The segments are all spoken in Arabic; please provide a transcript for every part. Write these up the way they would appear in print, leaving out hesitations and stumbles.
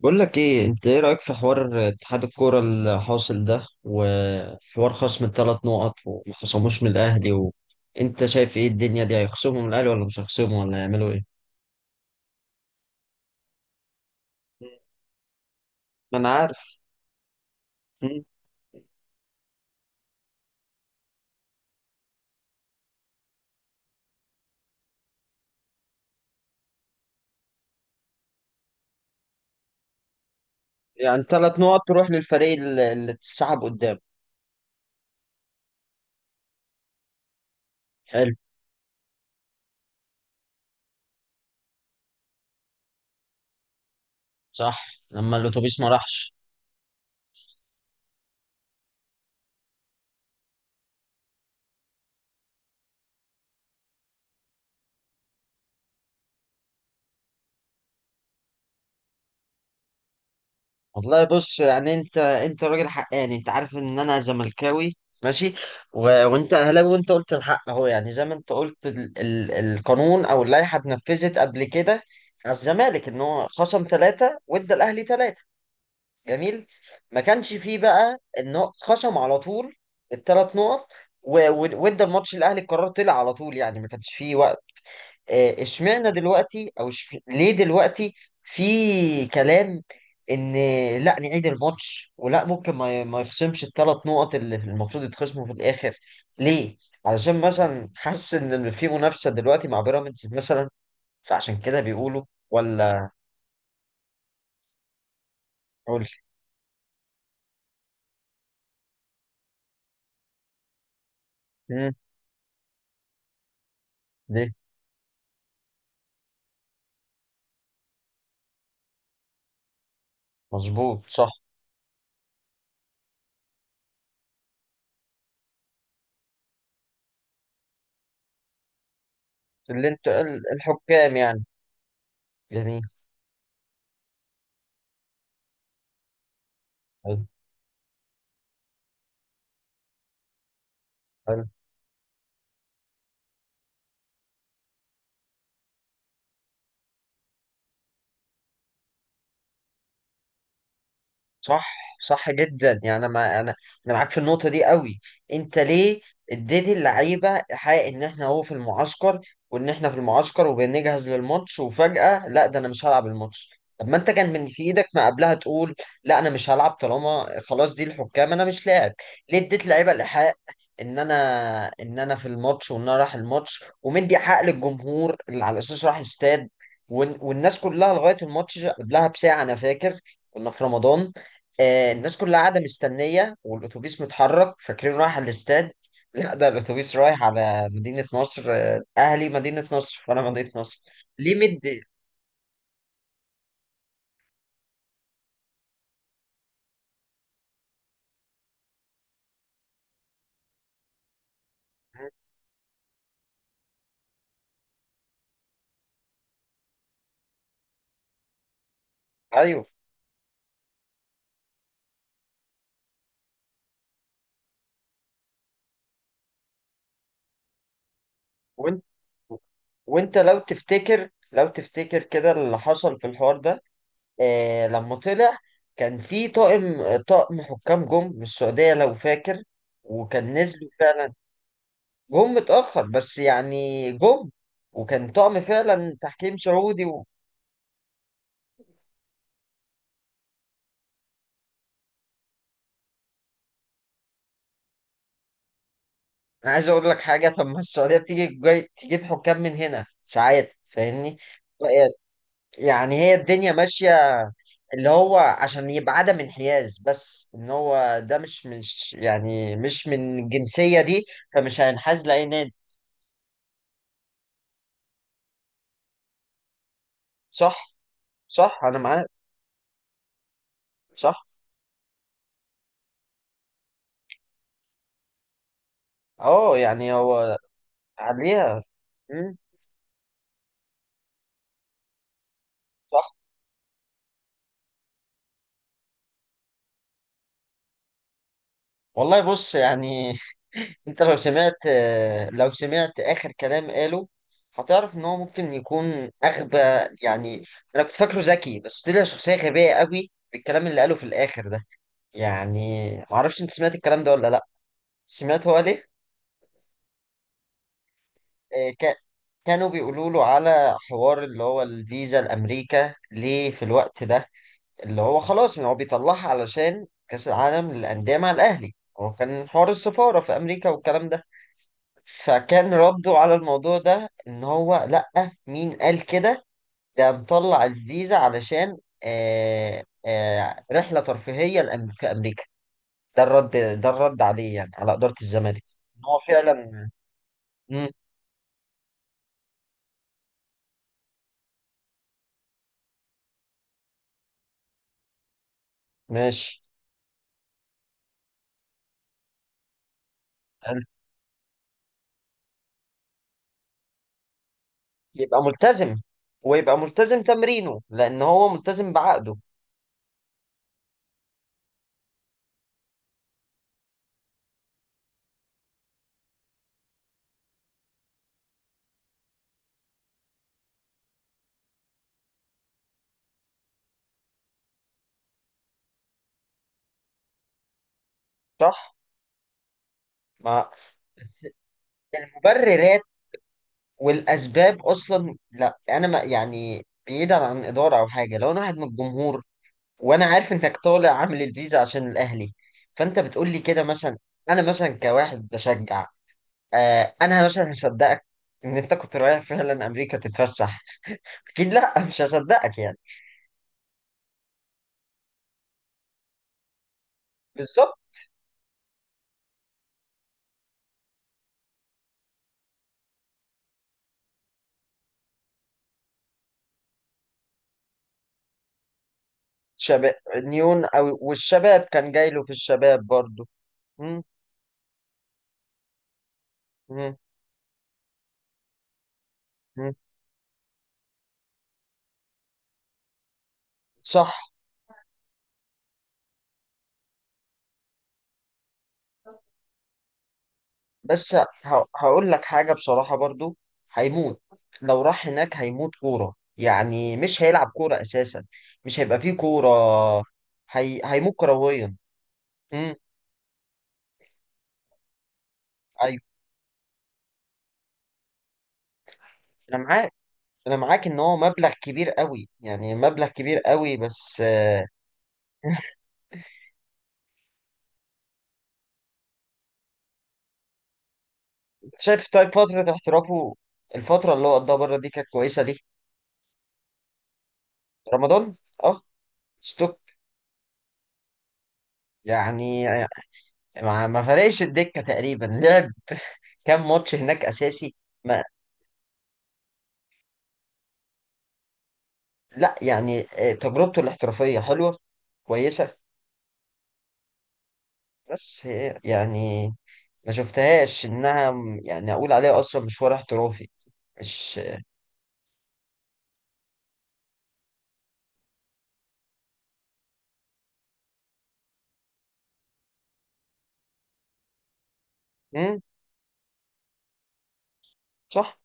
بقول لك ايه، انت ايه رايك في حوار اتحاد الكوره الحاصل ده وحوار خصم الثلاث نقط وما خصموش من الاهلي انت شايف ايه الدنيا دي، هيخصموا من الاهلي ولا مش هيخصموا ولا هيعملوا ايه؟ ما انا عارف. مم. يعني ثلاث نقط تروح للفريق اللي اتسحب قدام. حلو. صح، لما الاتوبيس ما راحش. والله بص، يعني انت راجل حقاني، انت عارف ان انا زملكاوي. ماشي. و... وانت اهلاوي، وانت قلت الحق اهو. يعني زي ما انت قلت القانون او اللائحه اتنفذت قبل كده على الزمالك، ان هو خصم ثلاثه وادى الاهلي ثلاثه. جميل. ما كانش فيه بقى ان هو خصم على طول الثلاث نقط وادى الماتش الاهلي. القرار طلع على طول، يعني ما كانش فيه وقت. اشمعنى دلوقتي، او ليه دلوقتي في كلام ان لا نعيد الماتش ولا ممكن ما يخصمش الثلاث نقط اللي المفروض يتخصموا في الاخر؟ ليه؟ علشان مثلا حاسس ان في منافسه دلوقتي مع بيراميدز مثلا، فعشان كده بيقولوا. ولا، قول لي ليه. مظبوط، صح. اللي انت الحكام يعني. جميل. حلو. حلو. صح، صح جدا. يعني ما انا، انا معاك في النقطه دي قوي. انت ليه اديتي اللعيبه حق ان احنا اهو في المعسكر، وان احنا في المعسكر وبنجهز للماتش، وفجاه لا ده انا مش هلعب الماتش. طب ما انت كان من في ايدك ما قبلها تقول لا انا مش هلعب، طالما خلاص دي الحكام انا مش لاعب. ليه اديت لعيبه الحق ان انا في الماتش، وان انا رايح الماتش، ومدي حق للجمهور اللي على اساس راح استاد؟ والناس كلها لغايه الماتش قبلها بساعه، انا فاكر كنا في رمضان. الناس كلها قاعدة مستنية والأتوبيس متحرك، فاكرين رايح على الاستاد. لا ده الأتوبيس رايح على مدينة نصر. أهلي مدينة نصر وأنا مدينة نصر. ليه أيوه. وأنت، وأنت لو تفتكر، لو تفتكر كده اللي حصل في الحوار ده لما طلع. كان في طاقم حكام جم من السعودية لو فاكر، وكان نزلوا فعلا. جم متأخر، بس يعني جم. وكان طقم فعلا تحكيم سعودي. انا عايز اقول لك حاجه. طب ما السعوديه بتيجي جاي تجيب حكام من هنا ساعات، فاهمني؟ يعني هي الدنيا ماشيه. اللي هو عشان يبقى عدم انحياز، بس ان هو ده مش من الجنسيه دي، فمش هينحاز لاي نادي. صح. صح، انا معاك. صح. اه، يعني هو عليها. مم. والله بص، يعني انت لو سمعت، لو سمعت اخر كلام قاله هتعرف ان هو ممكن يكون اغبى. يعني انا كنت فاكره ذكي، بس طلع شخصيه غبيه قوي بالكلام اللي قاله في الاخر ده. يعني معرفش انت سمعت الكلام ده ولا لا. سمعت هو ليه. آه، ك- كانوا بيقولوا له على حوار اللي هو الفيزا لامريكا ليه في الوقت ده، اللي هو خلاص ان هو بيطلعها علشان كاس العالم للانديه مع الاهلي، هو كان حوار السفاره في امريكا والكلام ده. فكان رده على الموضوع ده ان هو لأ، مين قال كده؟ ده مطلع الفيزا علشان رحلة ترفيهية في امريكا. ده الرد، ده الرد عليه يعني على إدارة الزمالك ان هو فعلا. مم، ماشي. يبقى ملتزم، ويبقى ملتزم تمرينه لان هو ملتزم بعقده. صح. ما المبررات والاسباب اصلا، لا انا ما يعني بعيدا عن اداره او حاجه، لو انا واحد من الجمهور وانا عارف انك طالع عامل الفيزا عشان الاهلي، فانت بتقول لي كده مثلا، انا مثلا كواحد بشجع، انا مثلا هصدقك ان انت كنت رايح فعلا امريكا تتفسح؟ اكيد لا. مش هصدقك يعني. بالظبط. شباب نيون او والشباب، كان جاي له في الشباب برضو. مم. مم. مم. صح. بس هقول لك حاجه بصراحه برضو، هيموت. لو راح هناك هيموت كوره، يعني مش هيلعب كوره اساسا، مش هيبقى فيه كوره. هيموت كرويا. امم. ايوه، انا معاك انا معاك ان هو مبلغ كبير قوي، يعني مبلغ كبير قوي. بس انت شايف طيب فترة احترافه، الفترة اللي هو قضاها بره دي كانت كويسة ليه؟ رمضان. اه. ستوك. يعني ما فرقش الدكة تقريبا. لعب كام ماتش هناك اساسي. ما لا، يعني تجربته الاحترافية حلوة، كويسة. بس هي يعني ما شفتهاش انها يعني اقول عليها اصلا مشوار احترافي، مش. امم. صح.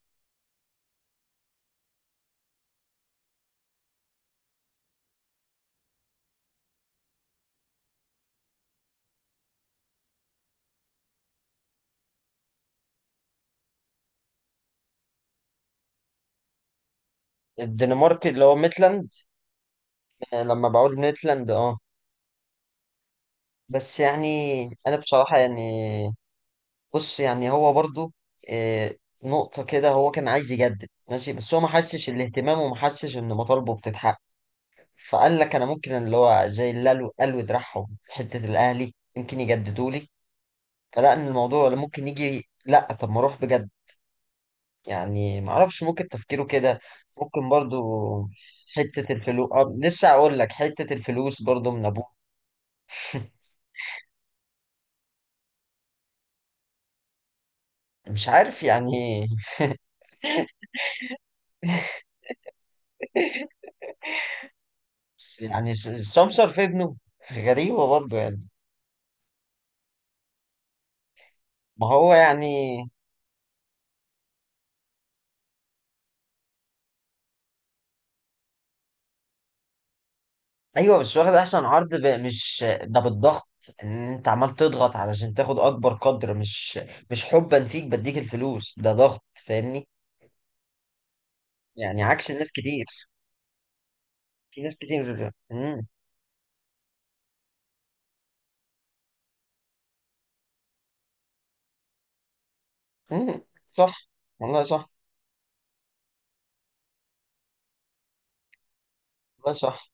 الدنمارك اللي هو ميتلاند. لما بقول ميتلاند، اه. بس يعني انا بصراحة يعني، بص يعني هو برضو آه، نقطة كده. هو كان عايز يجدد، ماشي، بس هو ما حسش الاهتمام وما حسش ان مطالبه بتتحقق، فقال لك انا ممكن اللي هو زي اللي قالوا دراعهم في حتة الاهلي يمكن يجددوا لي، فلا ان الموضوع ولا ممكن يجي، لا طب ما اروح بجد. يعني ما اعرفش، ممكن تفكيره كده. ممكن برضو حتة الفلوس، لسه اقول لك حتة الفلوس برضو من ابوه. مش عارف يعني إيه. بس يعني سمسار في ابنه. غريبة برضه يعني. ما هو يعني، ايوه بس واخد احسن عرض مش ده بالضغط، ان انت عمال تضغط علشان تاخد اكبر قدر، مش حبا فيك بديك الفلوس، ده ضغط فاهمني؟ يعني عكس الناس كتير. في ناس كتير. امم. امم. صح. والله صح. والله صح.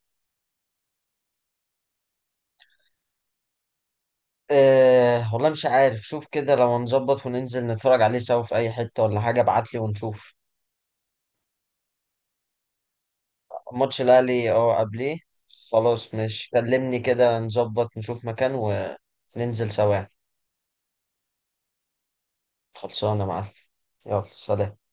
أه والله، مش عارف، شوف كده لو هنظبط وننزل نتفرج عليه سوا في اي حتة، ولا حاجة ابعتلي ونشوف. ماتش الاهلي اه قبليه. خلاص. مش كلمني كده، نظبط نشوف مكان وننزل سوا. خلصانه معاك. يلا سلام.